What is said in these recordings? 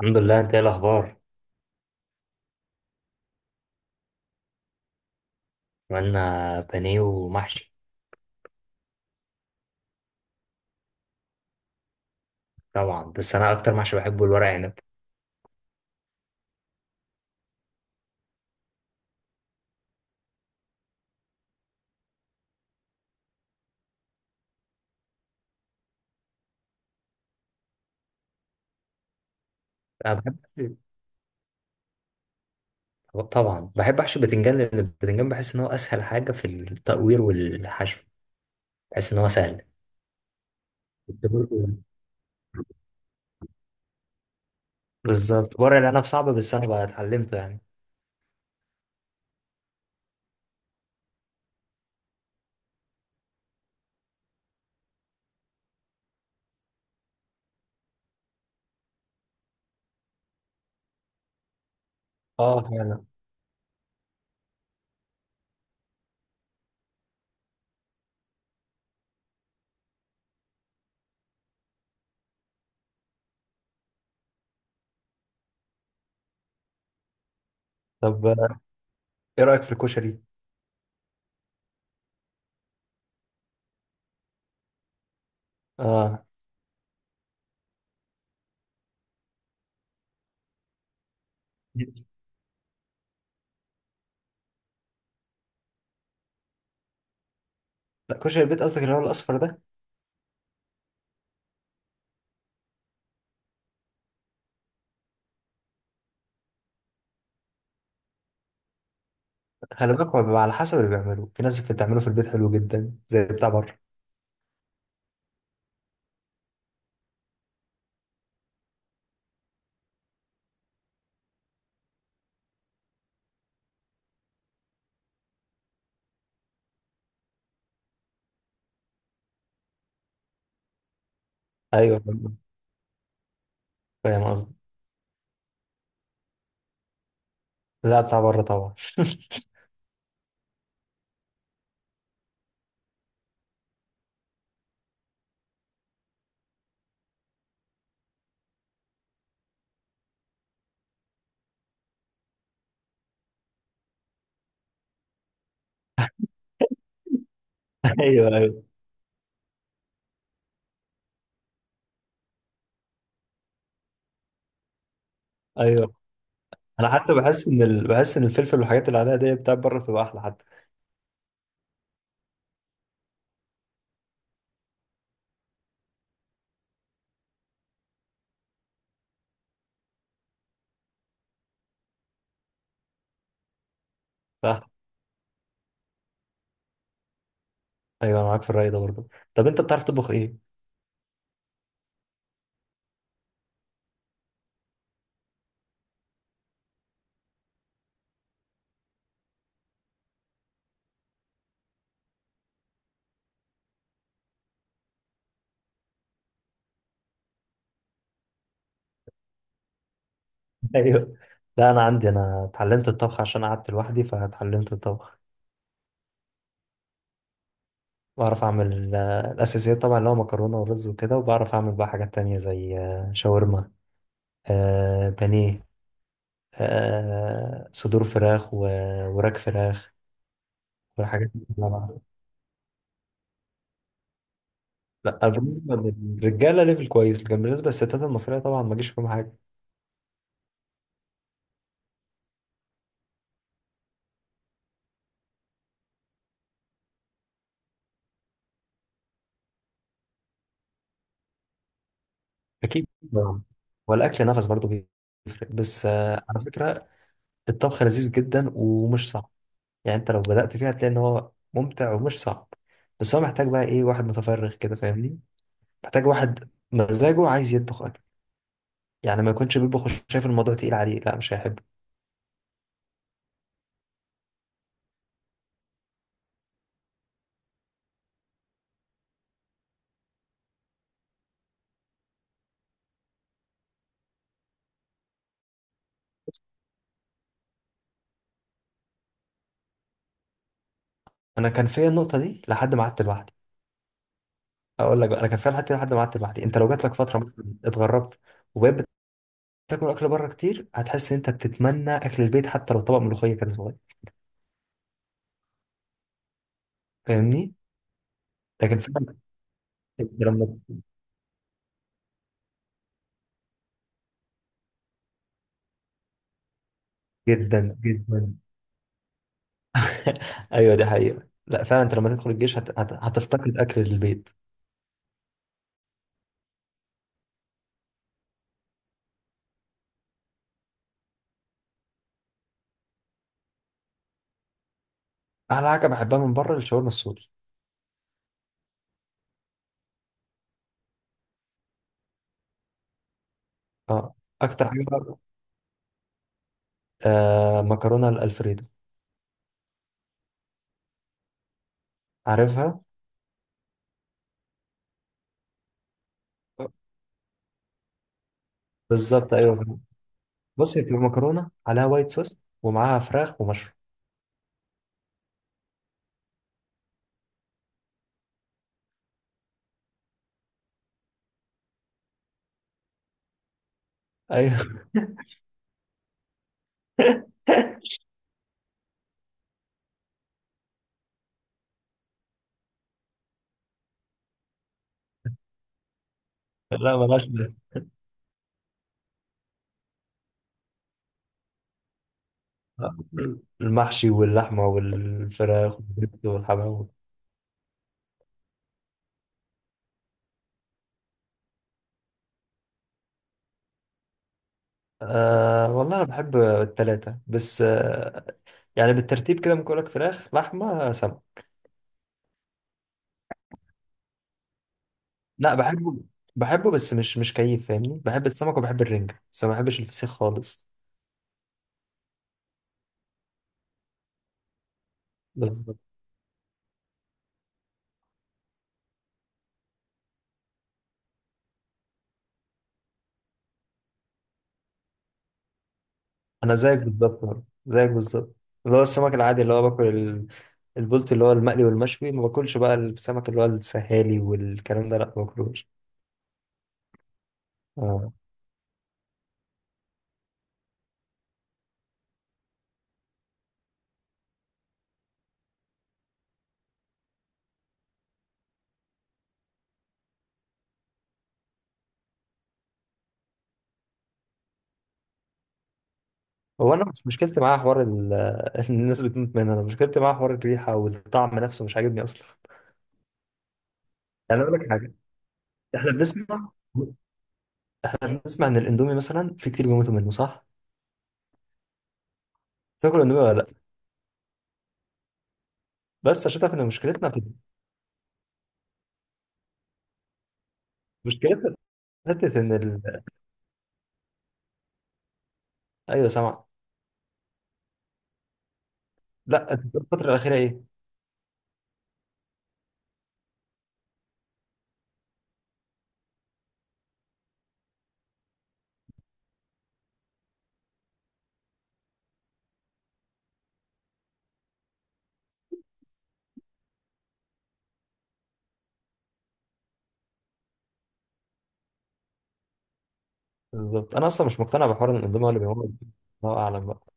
الحمد لله، انت ايه الاخبار؟ عملنا بانيه ومحشي. طبعا، بس انا اكتر محشي بحبه الورق عنب. انا بحب، طبعا بحب احشي بتنجان لان البتنجان بحس ان هو اسهل حاجه في التقوير والحشو. بحس ان هو سهل. بالظبط، ورق العنب صعب بس انا بقى اتعلمته يعني. اه فعلا. طب ايه رايك في الكشري؟ اه. لا كشري البيت قصدك اللي هو الاصفر ده؟ خلي بالك، هو بيبقى على حسب اللي بيعمله. في ناس بتعمله في البيت حلو جدا زي بتاع بره. ايوه، فاهم قصدي. لا بتاع بره طبعا. ايوه ايوه ايوه. انا حتى بحس ان بحس ان الفلفل والحاجات اللي عليها دي بتاع بره بتبقى احلى حتى. صح. ايوه، انا معاك في الراي ده برضه. طب انت بتعرف تطبخ ايه؟ ايوه. لا انا عندي، انا اتعلمت الطبخ عشان قعدت لوحدي فاتعلمت الطبخ. بعرف اعمل الاساسيات طبعا اللي هو مكرونه ورز وكده، وبعرف اعمل بقى حاجات تانية زي شاورما، بانيه، صدور فراخ وراك فراخ والحاجات دي كلها بعرفها. لا بالنسبه للرجاله ليفل كويس، لكن بالنسبه للستات المصريه طبعا ما جيش فيهم حاجه. اكيد طبعاً. والاكل نفس برضه بيفرق بس، على فكره الطبخ لذيذ جدا ومش صعب. يعني انت لو بدات فيها هتلاقي ان هو ممتع ومش صعب، بس هو محتاج بقى ايه، واحد متفرغ كده، فاهمني؟ محتاج واحد مزاجه عايز يطبخ اكل. يعني ما يكونش بيطبخ وشايف الموضوع تقيل عليه، لا مش هيحبه. انا كان فيا النقطه دي لحد ما قعدت لوحدي. اقول لك بقى، انا كان فيها لحد ما قعدت لوحدي. انت لو جات لك فتره مثلا اتغربت وبقيت بتاكل اكل بره كتير، هتحس ان انت بتتمنى اكل البيت حتى لو طبق ملوخيه كان صغير، فاهمني؟ لكن فعلا انت لما، جدا جدا. ايوه، دي حقيقة. لا فعلا، انت لما تدخل الجيش هتفتقد اكل البيت. احلى حاجة بحبها من بره الشاورما السوري. اه اكتر حاجة بقى، آه مكرونة الالفريدو. عارفها. بالظبط، ايوه. بص هي بتبقى مكرونة عليها وايت صوص ومعاها فراخ ومشروم. ايوه. لا ملهاش لازمة. آه. المحشي واللحمة والفراخ والبيض والحمام. أه والله انا بحب التلاتة، بس أه يعني بالترتيب كده ممكن اقول لك فراخ لحمة سمك. لا بحبه، بحبه بس مش مش كيف، فاهمني؟ بحب السمك وبحب الرنجة بس ما بحبش الفسيخ خالص. بالظبط، انا زيك بالظبط برضه، زيك بالظبط. اللي هو السمك العادي اللي هو باكل البولت اللي هو المقلي والمشوي. ما باكلش بقى السمك اللي هو السهالي والكلام ده، لا ما باكلوش. آه. هو انا مش مشكلتي معاه حوار الناس بتموت منها. انا مشكلتي معاه حوار الريحة والطعم نفسه مش عاجبني اصلا. يعني اقول لك حاجة، احنا بنسمع احنا بنسمع ان الاندومي مثلا في كتير بيموتوا منه، صح؟ تاكل اندومي ولا لا؟ بس عشان تعرف ان مشكلتنا في، مشكلتنا في حته ان ايوه سامع. لا انت بتقول الفتره الاخيره ايه؟ بالظبط. انا اصلا مش مقتنع بحوار ان الاندومي هو اللي بيموت، الله اعلم بقى.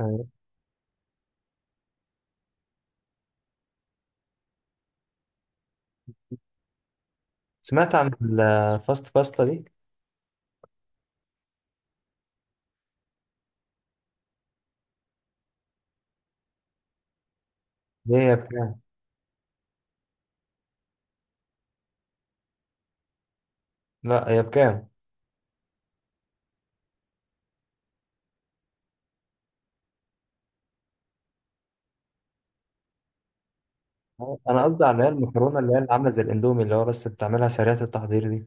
آه، سمعت عن الفاست باستا دي؟ دي هي بكام؟ لا هي بكام؟ انا قصدي على اللي هي المكرونه اللي هي اللي عامله زي الاندومي اللي هو بس بتعملها سريعه التحضير دي.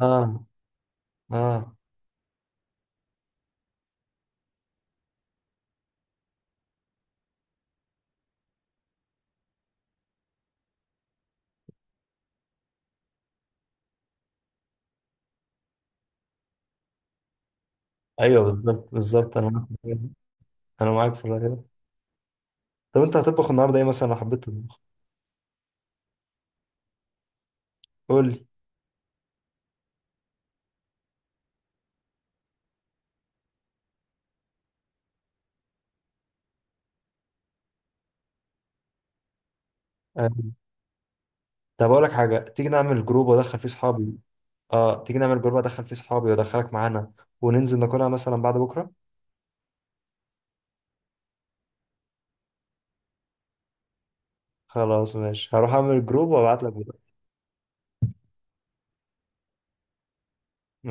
اه. اه. ايوه بالظبط بالظبط، انا معاك، انا معاك في الراي ده. طب انت هتطبخ النهارده ايه، مثلا لو حبيت تطبخ؟ قول لي. آه. طب اقول لك حاجه، تيجي نعمل جروب وادخل فيه صحابي. اه تيجي نعمل جروب ادخل فيه صحابي وادخلك معانا وننزل ناكلها مثلا بعد بكره. خلاص ماشي، هروح اعمل جروب وابعت لك